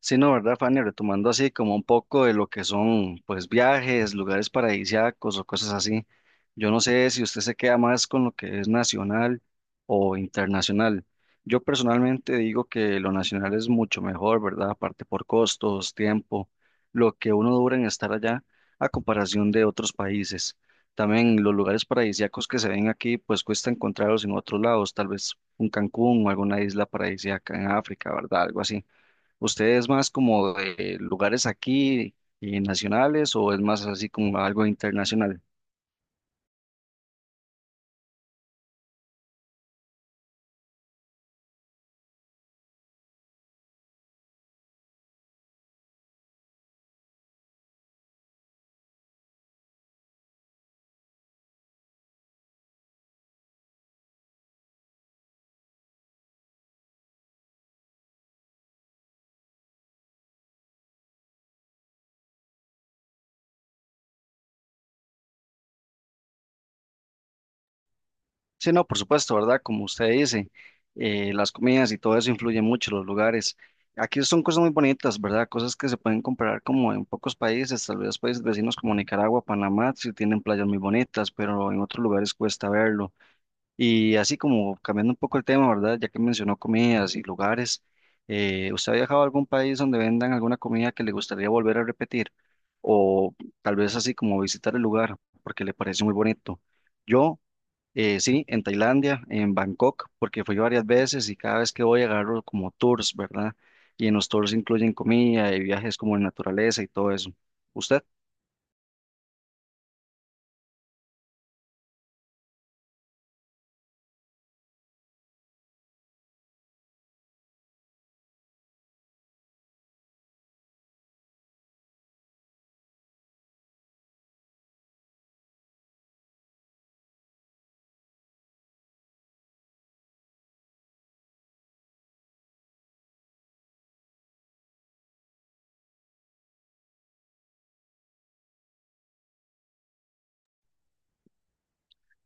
Sí, no, ¿verdad, Fanny? Retomando así como un poco de lo que son, pues, viajes, lugares paradisíacos o cosas así. Yo no sé si usted se queda más con lo que es nacional o internacional. Yo personalmente digo que lo nacional es mucho mejor, ¿verdad? Aparte por costos, tiempo, lo que uno dura en estar allá a comparación de otros países. También los lugares paradisíacos que se ven aquí, pues cuesta encontrarlos en otros lados, tal vez un Cancún o alguna isla paradisíaca en África, ¿verdad? Algo así. ¿Usted es más como de lugares aquí nacionales o es más así como algo internacional? Sí, no, por supuesto, ¿verdad? Como usted dice, las comidas y todo eso influye mucho, los lugares. Aquí son cosas muy bonitas, ¿verdad? Cosas que se pueden comparar como en pocos países, tal vez países vecinos como Nicaragua, Panamá, sí tienen playas muy bonitas, pero en otros lugares cuesta verlo. Y así como cambiando un poco el tema, ¿verdad? Ya que mencionó comidas y lugares, ¿usted ha viajado a algún país donde vendan alguna comida que le gustaría volver a repetir? O tal vez así como visitar el lugar porque le parece muy bonito. Yo, sí, en Tailandia, en Bangkok, porque fui varias veces y cada vez que voy agarro como tours, ¿verdad? Y en los tours incluyen comida y viajes como en naturaleza y todo eso. ¿Usted?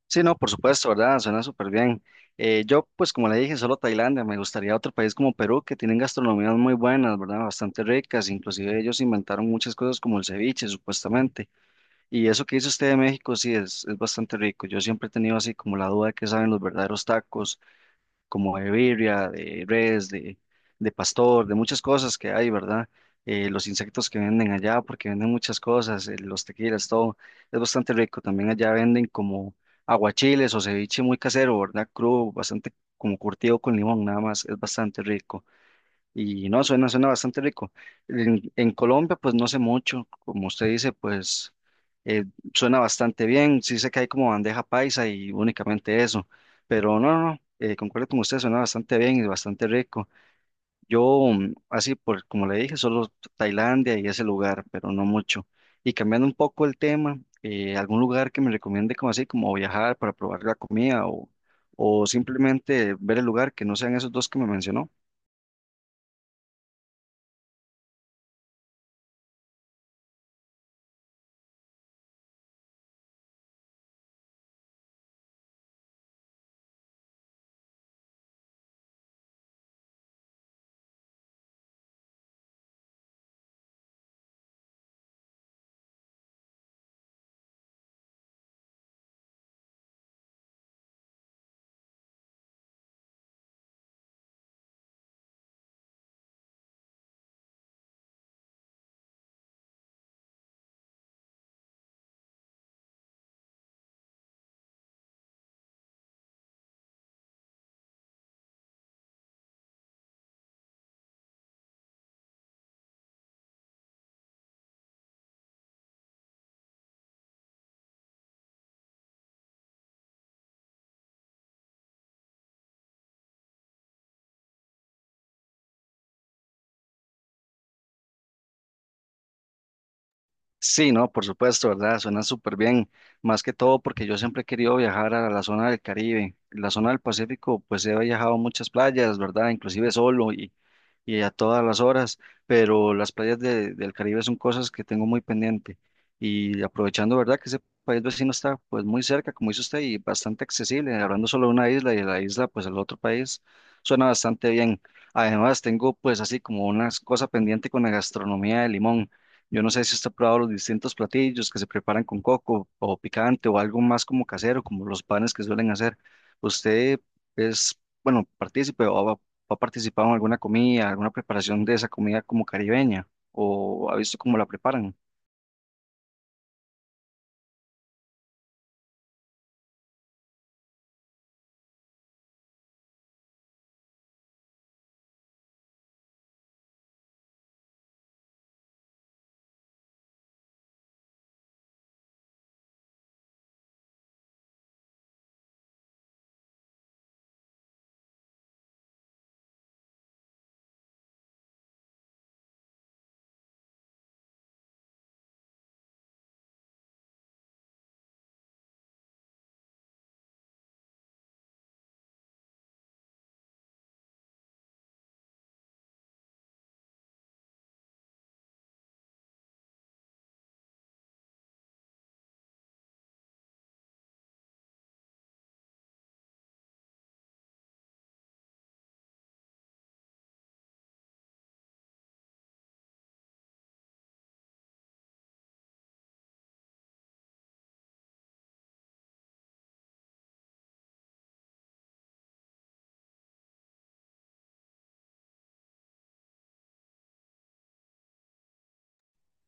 Sí, no, por supuesto, ¿verdad? Suena súper bien. Yo, pues como le dije, solo Tailandia, me gustaría otro país como Perú, que tienen gastronomías muy buenas, ¿verdad? Bastante ricas, inclusive ellos inventaron muchas cosas como el ceviche, supuestamente. Y eso que dice usted de México, sí, es bastante rico. Yo siempre he tenido así como la duda de qué saben los verdaderos tacos, como de birria, de res, de pastor, de muchas cosas que hay, ¿verdad? Los insectos que venden allá, porque venden muchas cosas, los tequilas, todo, es bastante rico. También allá venden como aguachiles o ceviche muy casero, ¿verdad? Crudo, bastante como curtido con limón, nada más, es bastante rico. Y no, suena, suena bastante rico. En Colombia, pues no sé mucho, como usted dice, pues eh, suena bastante bien. Sí sé que hay como bandeja paisa y únicamente eso, pero no, no, no, concuerdo con usted, suena bastante bien y bastante rico. Yo, así, por, como le dije, solo Tailandia y ese lugar, pero no mucho. Y cambiando un poco el tema, algún lugar que me recomiende como así, como viajar para probar la comida o simplemente ver el lugar que no sean esos dos que me mencionó. Sí, no, por supuesto, ¿verdad? Suena súper bien. Más que todo porque yo siempre he querido viajar a la zona del Caribe. La zona del Pacífico, pues he viajado a muchas playas, ¿verdad? Inclusive solo y a todas las horas, pero las playas del Caribe son cosas que tengo muy pendiente. Y aprovechando, ¿verdad? Que ese país vecino está pues muy cerca, como dice usted, y bastante accesible, hablando solo de una isla y de la isla pues al otro país, suena bastante bien. Además, tengo pues así como una cosa pendiente con la gastronomía de Limón. Yo no sé si usted ha probado los distintos platillos que se preparan con coco o picante o algo más como casero, como los panes que suelen hacer. ¿Usted es, bueno, partícipe ¿O ha participado en alguna comida, alguna preparación de esa comida como caribeña? ¿O ha visto cómo la preparan?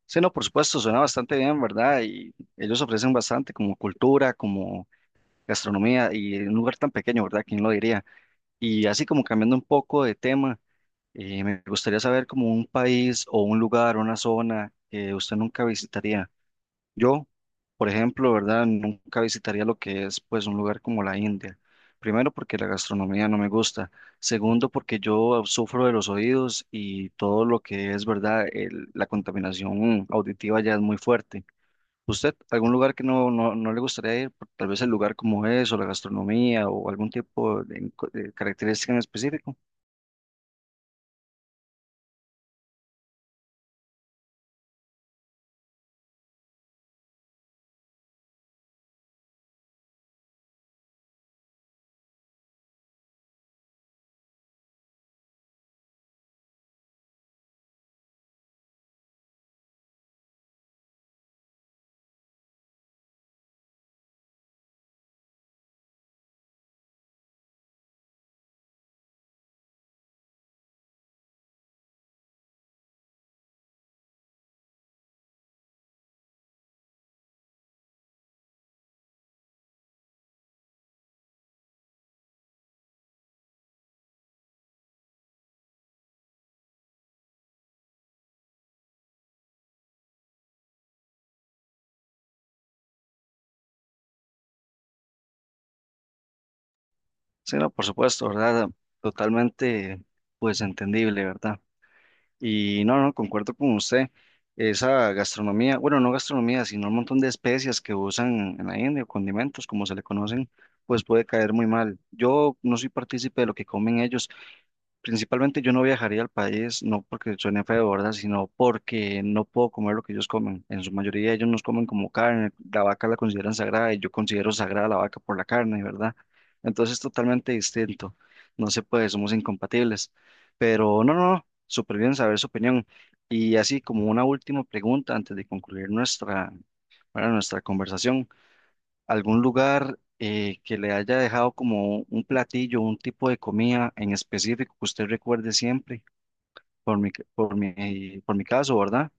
Sí, no, por supuesto, suena bastante bien, ¿verdad? Y ellos ofrecen bastante como cultura, como gastronomía y en un lugar tan pequeño, ¿verdad? ¿Quién lo diría? Y así como cambiando un poco de tema, me gustaría saber como un país o un lugar, una zona que usted nunca visitaría. Yo, por ejemplo, ¿verdad? Nunca visitaría lo que es pues un lugar como la India. Primero porque la gastronomía no me gusta. Segundo porque yo sufro de los oídos y todo lo que es, ¿verdad? La contaminación auditiva ya es muy fuerte. ¿Usted, algún lugar que no, no, no le gustaría ir? Tal vez el lugar como es o la gastronomía o algún tipo de característica en específico. Sí, no, por supuesto, ¿verdad? Totalmente pues entendible, ¿verdad? Y no, no, concuerdo con usted. Esa gastronomía, bueno, no gastronomía, sino un montón de especias que usan en la India o condimentos, como se le conocen, pues puede caer muy mal. Yo no soy partícipe de lo que comen ellos. Principalmente yo no viajaría al país, no porque suene feo, ¿verdad? Sino porque no puedo comer lo que ellos comen. En su mayoría ellos nos comen como carne, la vaca la consideran sagrada y yo considero sagrada la vaca por la carne, ¿verdad? Entonces es totalmente distinto. No se puede, somos incompatibles. Pero no, no, no, súper bien saber su opinión. Y así como una última pregunta antes de concluir nuestra, bueno, nuestra conversación algún lugar que le haya dejado como un platillo, un tipo de comida en específico que usted recuerde siempre, por mi caso, ¿verdad?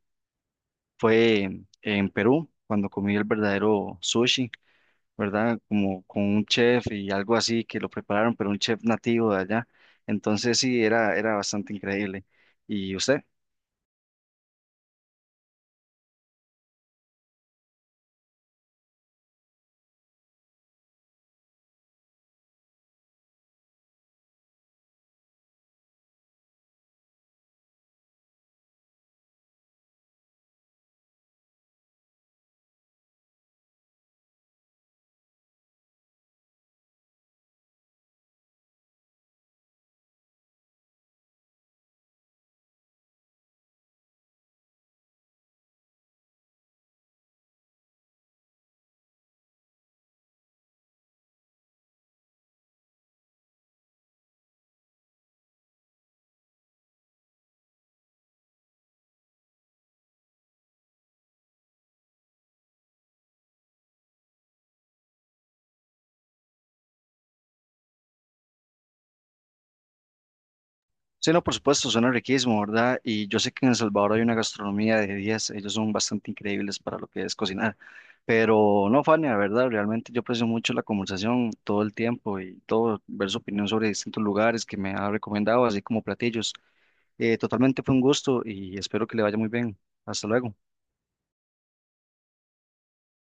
Fue en Perú, cuando comí el verdadero sushi, ¿verdad? Como con un chef y algo así que lo prepararon, pero un chef nativo de allá. Entonces sí, era, era bastante increíble. ¿Y usted? Sí, no, por supuesto, suena riquísimo, ¿verdad? Y yo sé que en El Salvador hay una gastronomía de 10, ellos son bastante increíbles para lo que es cocinar. Pero no, Fanny, la verdad, realmente yo aprecio mucho la conversación todo el tiempo y todo, ver su opinión sobre distintos lugares que me ha recomendado, así como platillos. Totalmente fue un gusto y espero que le vaya muy bien. Hasta luego.